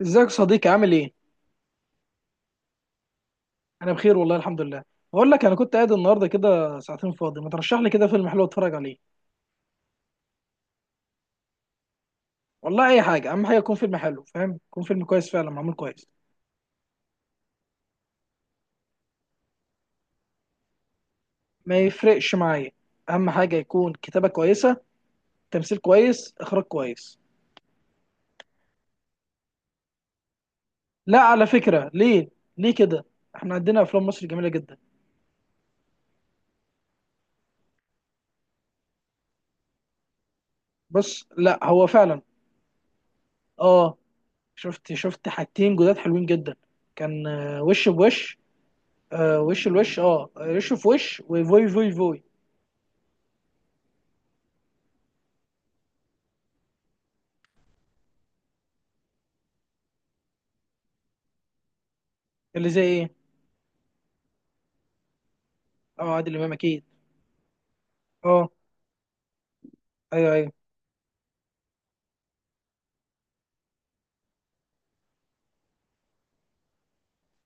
ازيك يا صديقي؟ عامل ايه؟ انا بخير والله الحمد لله. بقول لك انا كنت قاعد النهارده كده ساعتين فاضي، ما ترشح لي كده فيلم حلو اتفرج عليه. والله اي حاجه، اهم حاجه يكون فيلم حلو، فاهم؟ يكون فيلم كويس فعلا معمول كويس. ما يفرقش معايا. اهم حاجه يكون كتابه كويسه، تمثيل كويس، اخراج كويس. لا على فكره، ليه؟ ليه كده؟ احنا عندنا افلام مصر جميله جدا. بص، لا هو فعلا. اه، شفت حاجتين جداد حلوين جدا. كان وش بوش، وش الوش، اه وش في وش وفوي فوي فوي. اللي زي ايه؟ اه، عادل امام اكيد. اه، ايوه ايوه.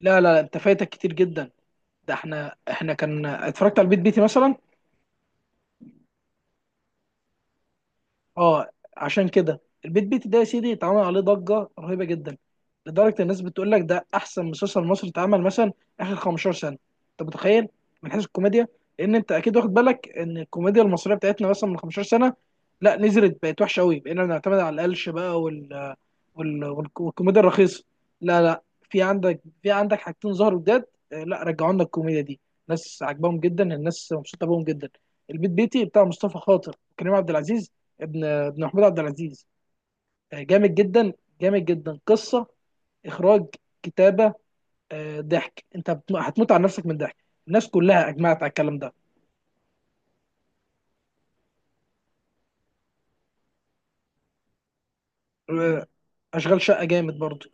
لا، انت فايتك كتير جدا. ده احنا كان اتفرجت على البيت بيتي مثلا. اه، عشان كده البيت بيتي ده يا سيدي اتعمل عليه ضجه رهيبه جدا، لدرجه الناس بتقول لك ده احسن مسلسل مصري اتعمل مثلا اخر 15 سنه. انت متخيل؟ من حيث الكوميديا، لان انت اكيد واخد بالك ان الكوميديا المصريه بتاعتنا مثلا من 15 سنه لا نزلت، بقت وحشه قوي، بقينا بنعتمد على القلش بقى والكوميديا الرخيصه. لا لا. في عندك، في عندك حاجتين ظهروا جداد، لا رجعوا لنا الكوميديا دي. ناس عاجباهم جدا، الناس مبسوطه بهم جدا. البيت بيتي بتاع مصطفى خاطر وكريم عبد العزيز، ابن ابن محمود عبد العزيز. جامد جدا، جامد جدا. قصه، اخراج، كتابه، ضحك. انت هتموت على نفسك من ضحك. الناس كلها اجمعت على الكلام ده. آه، اشغال شقه جامد برضو.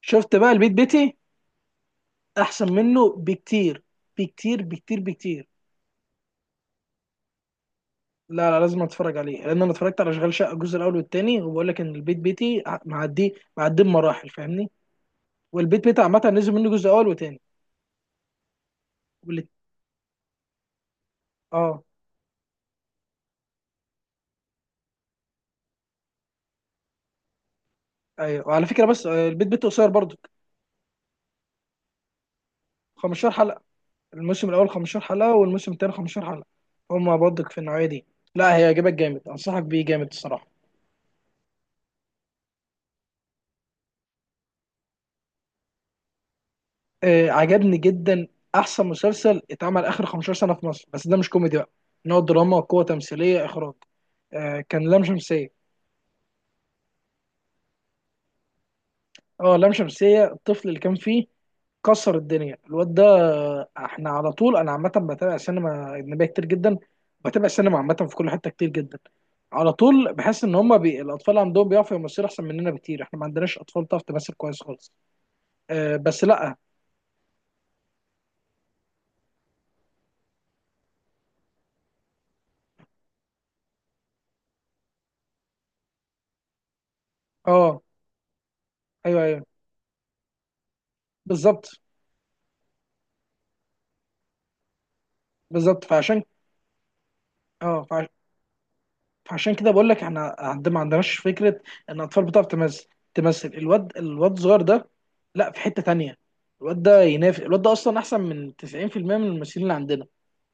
شفت بقى البيت بيتي؟ احسن منه بكتير. بكتير. لا لا، لازم اتفرج عليه، لان انا اتفرجت على اشغال شقه الجزء الاول والثاني، وبقول لك ان البيت بيتي معدي بمراحل، فاهمني. والبيت بيتي عامه نزل منه جزء اول وثاني. والت... اه. ايوه، وعلى فكره بس البيت بيتي قصير برضو. 15 حلقه، الموسم الاول 15 حلقه، والموسم الثاني 15 حلقه. هما برضك في النوعيه دي، لا هيعجبك جامد، انصحك بيه جامد الصراحه. آه، عجبني جدا. احسن مسلسل اتعمل اخر 15 سنه في مصر، بس ده مش كوميدي بقى، ان هو دراما، قوه تمثيليه، اخراج. آه كان لام شمسيه. اه، لام شمسية. الطفل اللي كان فيه كسر الدنيا، الواد ده. احنا على طول انا عامة بتابع سينما أجنبية كتير جدا، بتابع سينما عامة في كل حتة كتير جدا. على طول بحس ان الاطفال عندهم بيعرفوا يمثلوا احسن مننا بكتير، احنا ما عندناش اطفال بتعرف تمثل كويس خالص. أه، بس لا. اه، ايوه ايوه، بالظبط. بالظبط. اه فعشان كده بقول لك احنا ما عندناش فكره ان الاطفال بتعرف تمثل. تمثل. الواد الصغير ده، لا في حته تانية. الواد ده ينافس، الواد ده اصلا احسن من 90% من الممثلين اللي عندنا،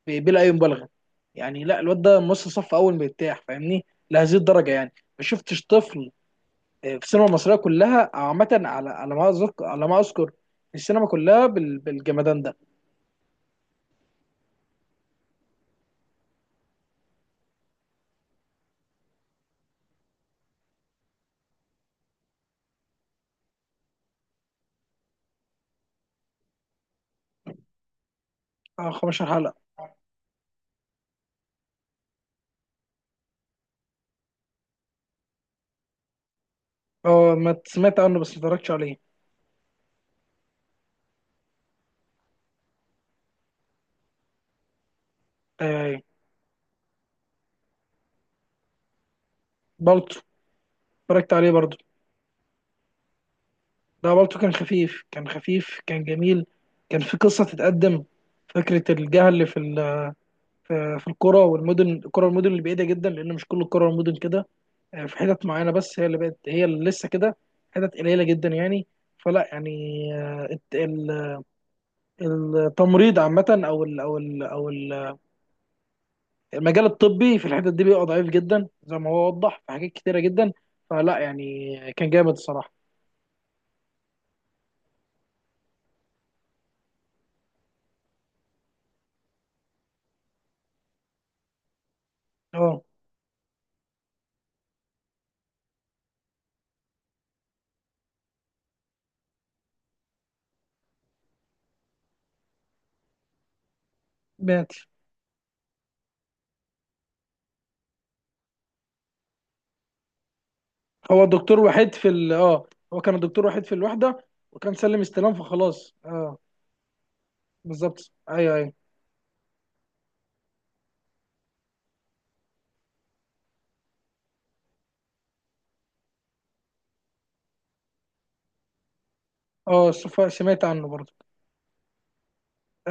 بلا اي مبالغه يعني. لا، الواد ده ممثل صف اول مرتاح، فاهمني، لهذه الدرجه يعني. ما شفتش طفل في السينما المصريه كلها عامه، على على ما اذكر، في السينما كلها بالجمدان ده. 15 حلقه. اه، ما سمعت عنه، بس ما اتفرجتش عليه. آه، برضه اتفرجت عليه برضه. لا، بالطو كان خفيف، كان خفيف، كان جميل، كان في قصة تتقدم. فكرة الجهل في في في القرى والمدن، القرى والمدن اللي بعيدة جدا، لأن مش كل القرى والمدن كده. في حتت معينة بس هي اللي بقت، هي اللي لسه كده، حتت قليلة جدا يعني. فلا يعني، آه، الت- ال- التمريض عامة، المجال الطبي في الحتت دي بيبقى ضعيف جدا، زي ما هو وضح في حاجات كتيرة جدا. فلا يعني كان جامد الصراحة. اه، مات. هو الدكتور وحيد في ال اه، هو كان الدكتور وحيد في الوحدة وكان سلم استلام، فخلاص. اه، بالظبط. ايوه ايوه. اه، سمعت عنه برضه.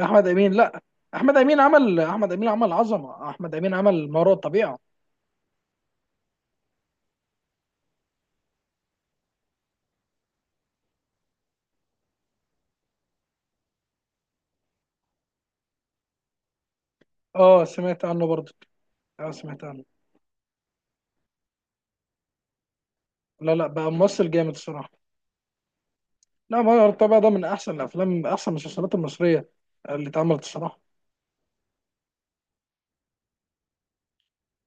احمد امين؟ لا. احمد امين عمل، احمد امين عمل عظمة، احمد امين عمل ما وراء الطبيعة. اه، سمعت عنه برضه. اه، سمعت عنه. لا لا بقى ممثل جامد الصراحة. لا، ما وراء الطبيعة ده من احسن الافلام، من احسن المسلسلات المصرية اللي اتعملت الصراحة.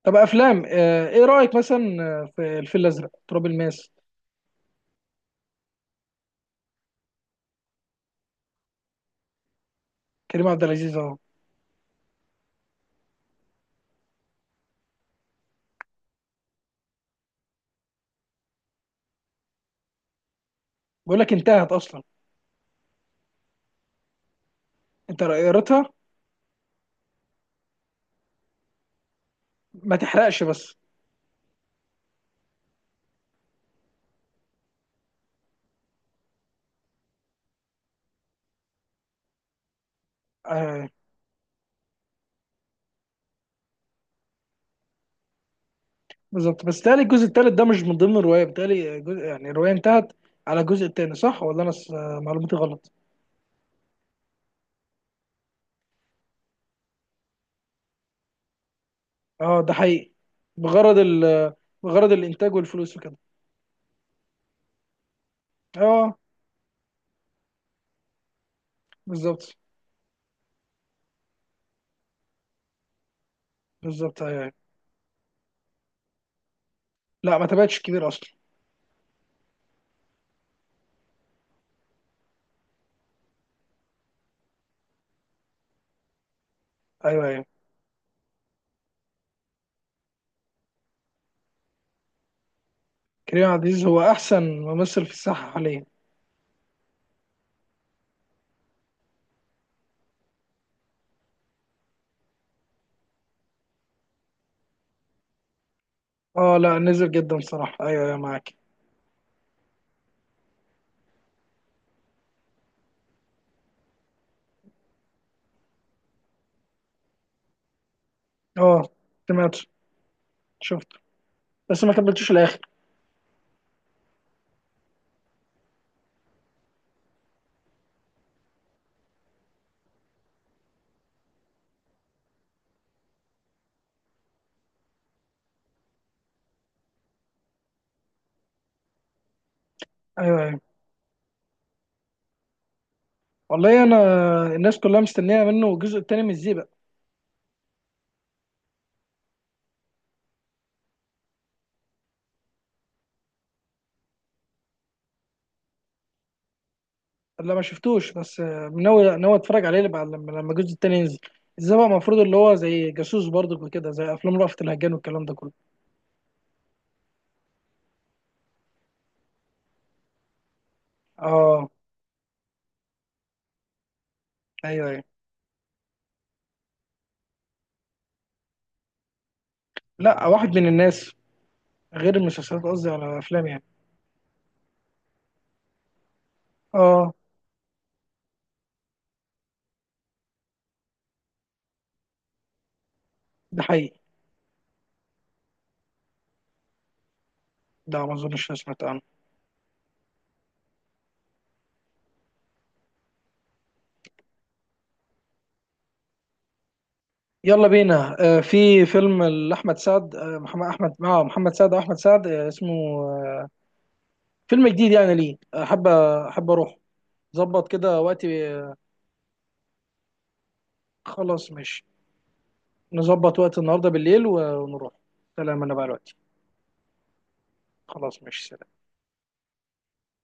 طب افلام، آه، ايه رأيك مثلا في الفيل الازرق، تراب الماس؟ كريم عبد العزيز اهو. بقول لك انتهت اصلا. انت قريتها؟ ما تحرقش بس. آه، بالظبط، بس تالي الجزء التالت ده مش من ضمن الرواية، بتالي جزء يعني الرواية انتهت على الجزء التاني، صح؟ ولا انا معلوماتي غلط؟ اه، ده حقيقي. بغرض ال بغرض الانتاج والفلوس وكده. اه، بالظبط. بالظبط، ايوه ايوه. لا، ما تابعتش كبير اصلا. ايوه ايوه. كريم عبد العزيز هو احسن ممثل في الساحة حاليا. اه لا، نزل جدا صراحة. ايوه ايوه، معاك. اه، سمعت. شفت بس ما كملتوش الاخر. ايوه ايوه. والله انا الناس كلها مستنيه منه الجزء التاني من الزيبق. لا ما شفتوش، بس ناوي اتفرج عليه لما لما الجزء التاني ينزل. ازاي بقى؟ المفروض اللي هو زي جاسوس برضك وكده، زي افلام رأفت الهجان والكلام ده كله. اه، ايوه ايوه. لا، واحد من الناس، غير المسلسلات، قصدي على الافلام يعني. اه، ده حقيقي. ده ما اظنش أنا سمعت عنه. يلا بينا. آه، في فيلم لاحمد سعد، آه، محمد احمد، مع محمد سعد واحمد سعد، آه اسمه، آه، فيلم جديد. يعني ليه احب، احب اروح، ظبط كده وقتي خلاص ماشي. نظبط وقت النهارده بالليل ونروح. سلام، انا بقى دلوقتي. خلاص ماشي.